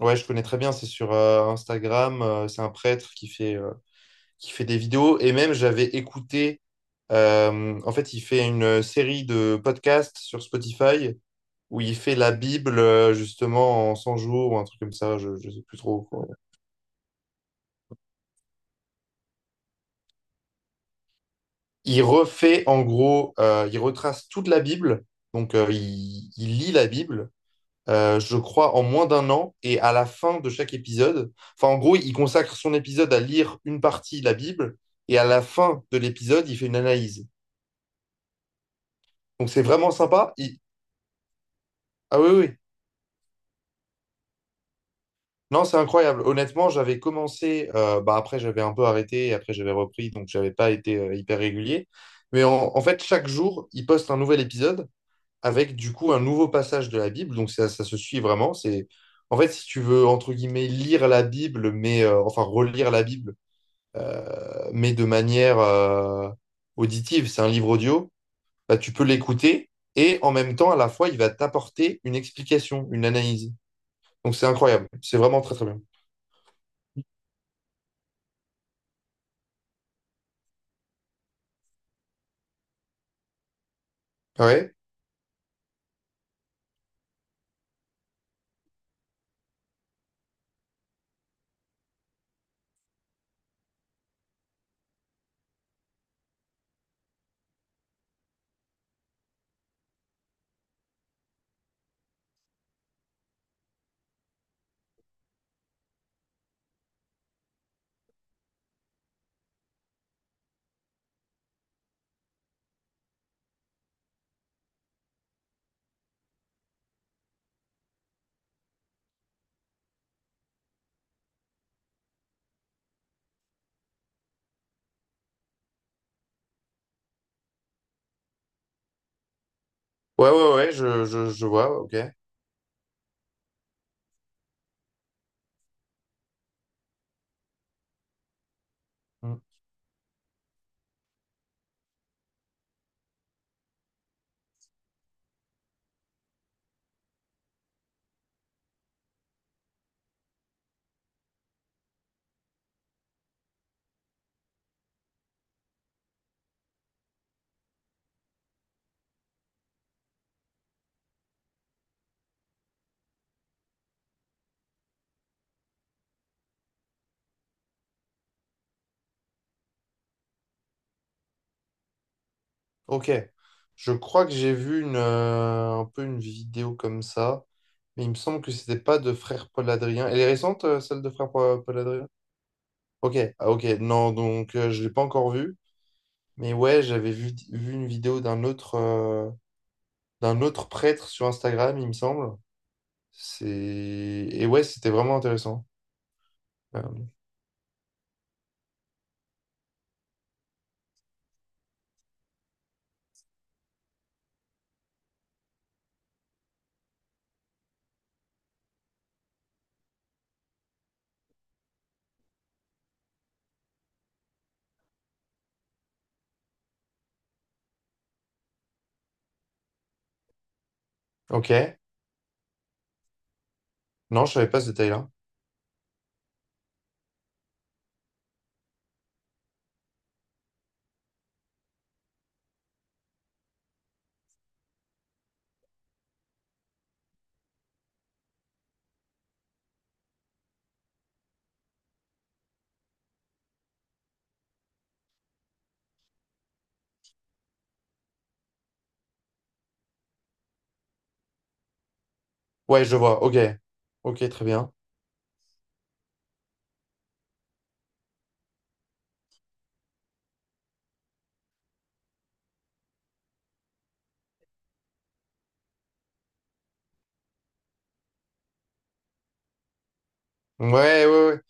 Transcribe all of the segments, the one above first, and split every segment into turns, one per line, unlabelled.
Ouais, je connais très bien, c'est sur Instagram, c'est un prêtre qui fait des vidéos. Et même, j'avais écouté, en fait, il fait une série de podcasts sur Spotify où il fait la Bible, justement, en 100 jours ou un truc comme ça, je ne sais plus trop, quoi. Il refait, en gros, il retrace toute la Bible. Donc, il lit la Bible je crois, en moins d'un an. Et à la fin de chaque épisode, enfin, en gros, il consacre son épisode à lire une partie de la Bible. Et à la fin de l'épisode, il fait une analyse. Donc, c'est vraiment sympa. Ah oui, oui. Non, c'est incroyable. Honnêtement, j'avais commencé, bah, après, j'avais un peu arrêté. Après, j'avais repris. Donc, j'avais pas été hyper régulier. Mais en fait, chaque jour, il poste un nouvel épisode avec, du coup, un nouveau passage de la Bible. Donc, ça se suit vraiment. C'est. En fait, si tu veux, entre guillemets, lire la Bible, mais enfin relire la Bible, mais de manière auditive. C'est un livre audio, bah, tu peux l'écouter et en même temps, à la fois, il va t'apporter une explication, une analyse. Donc c'est incroyable, c'est vraiment très très bien. Ah ouais, ouais, ouais, ouais, je vois, ok. Mm. Ok, je crois que j'ai vu une, un peu une vidéo comme ça, mais il me semble que c'était pas de Frère Paul Adrien. Elle est récente, celle de Frère Paul Adrien? Ok, ah, ok, non, donc je l'ai pas encore vue, mais ouais, j'avais vu une vidéo d'un autre, d'un autre prêtre sur Instagram, il me semble. C'est... Et ouais, c'était vraiment intéressant. Euh, ok. Non, je savais pas ce détail-là. Ouais, je vois. Ok. Ok, très bien. Ouais, ouais, ouais.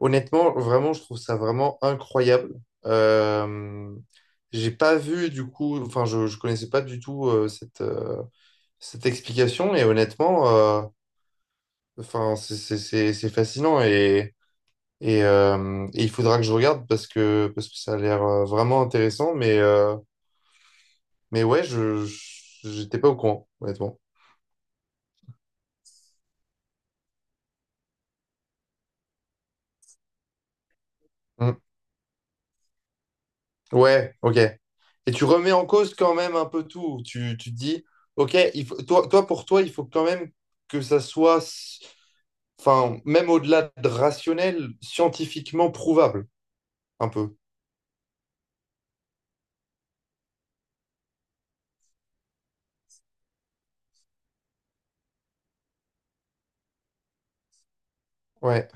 Honnêtement, vraiment, je trouve ça vraiment incroyable. Euh, j'ai pas vu du coup, enfin, je connaissais pas du tout cette, cette explication et honnêtement, enfin, c'est fascinant et il faudra que je regarde parce que ça a l'air vraiment intéressant, mais ouais, j'étais pas au courant, honnêtement. Mm. Ouais, ok. Et tu remets en cause quand même un peu tout. Tu te dis, ok, il faut, toi, pour toi, il faut quand même que ça soit, enfin, même au-delà de rationnel, scientifiquement prouvable, un peu. Ouais.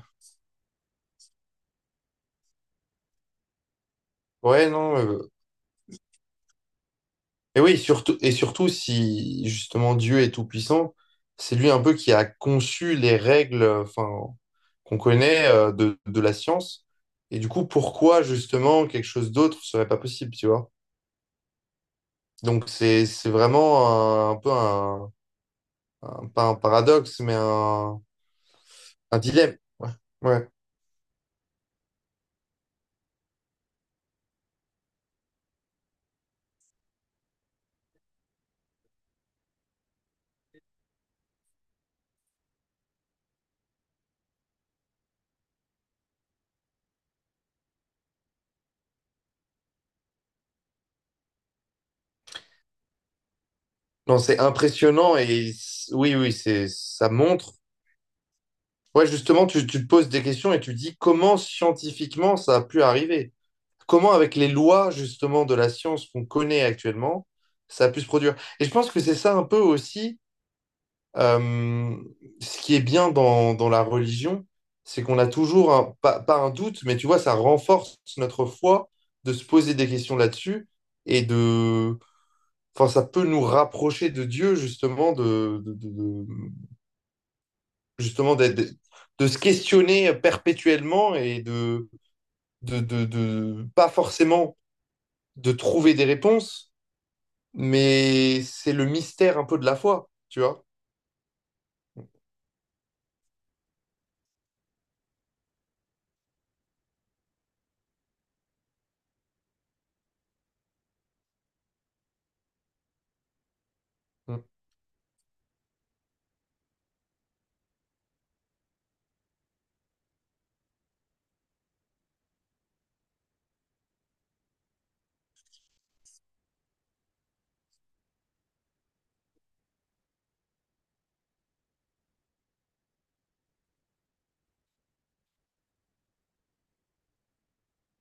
Ouais, non. Et oui, surtout, et surtout si justement Dieu est tout-puissant, c'est lui un peu qui a conçu les règles enfin, qu'on connaît de la science. Et du coup, pourquoi justement quelque chose d'autre serait pas possible, tu vois? Donc c'est vraiment un peu un, pas un paradoxe, mais un dilemme. Ouais. Ouais. Non, c'est impressionnant oui, oui, c'est ça montre. Ouais, justement, tu te poses des questions et tu dis comment scientifiquement ça a pu arriver. Comment avec les lois justement de la science qu'on connaît actuellement, ça a pu se produire. Et je pense que c'est ça un peu aussi euh, ce qui est bien dans la religion, c'est qu'on a toujours, pas, pas un doute, mais tu vois, ça renforce notre foi de se poser des questions là-dessus et de... Enfin, ça peut nous rapprocher de Dieu justement, justement de se questionner perpétuellement et pas forcément de trouver des réponses, mais c'est le mystère un peu de la foi, tu vois. Mm.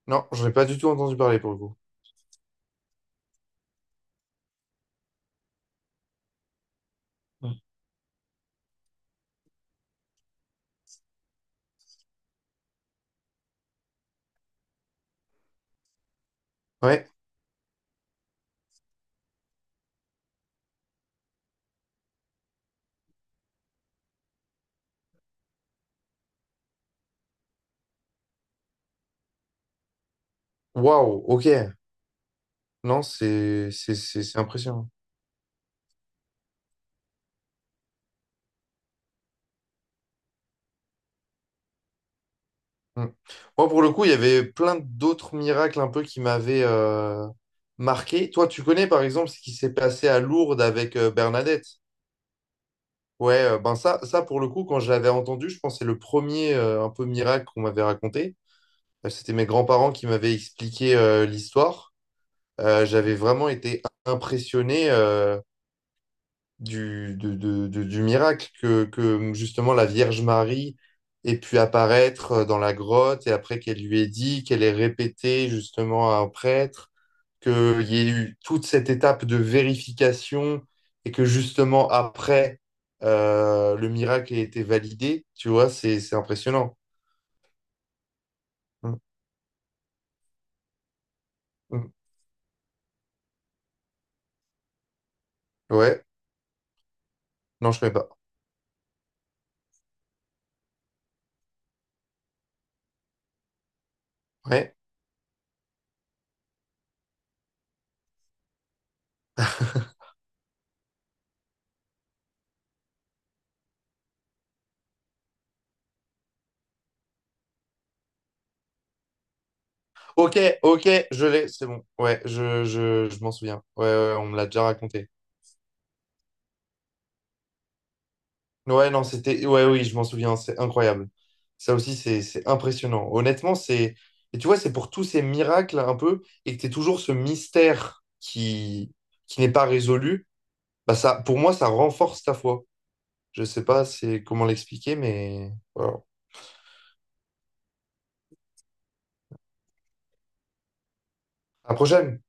Non, j'en ai pas du tout entendu parler pour le coup. Mm. Ouais, waouh, ok. Non, c'est impressionnant. Mm. Moi, pour le coup, il y avait plein d'autres miracles un peu qui m'avaient marqué. Toi, tu connais par exemple ce qui s'est passé à Lourdes avec Bernadette? Ouais, ben ça pour le coup, quand je l'avais entendu, je pense que c'est le premier un peu miracle qu'on m'avait raconté. C'était mes grands-parents qui m'avaient expliqué l'histoire. J'avais vraiment été impressionné du, de- du miracle que justement la Vierge Marie ait pu apparaître dans la grotte et après qu'elle lui ait dit, qu'elle ait répété justement à un prêtre, qu'il y ait eu toute cette étape de vérification et que justement après le miracle ait été validé, tu vois, c'est impressionnant. Mm, mm. Ouais, non, je ne connais pas. Ouais. Ok, ok, je l'ai, c'est bon. Ouais, je m'en souviens. Ouais, ouais, ouais, on me l'a déjà raconté. Ouais, non, c'était. Ouais, oui, je m'en souviens, c'est incroyable. Ça aussi, c'est impressionnant. Honnêtement, c'est. Et tu vois, c'est pour tous ces miracles un peu, et que tu toujours ce mystère qui n'est pas résolu. Bah ça, pour moi, ça renforce ta foi. Je sais pas c'est comment l'expliquer, mais voilà. À la prochaine!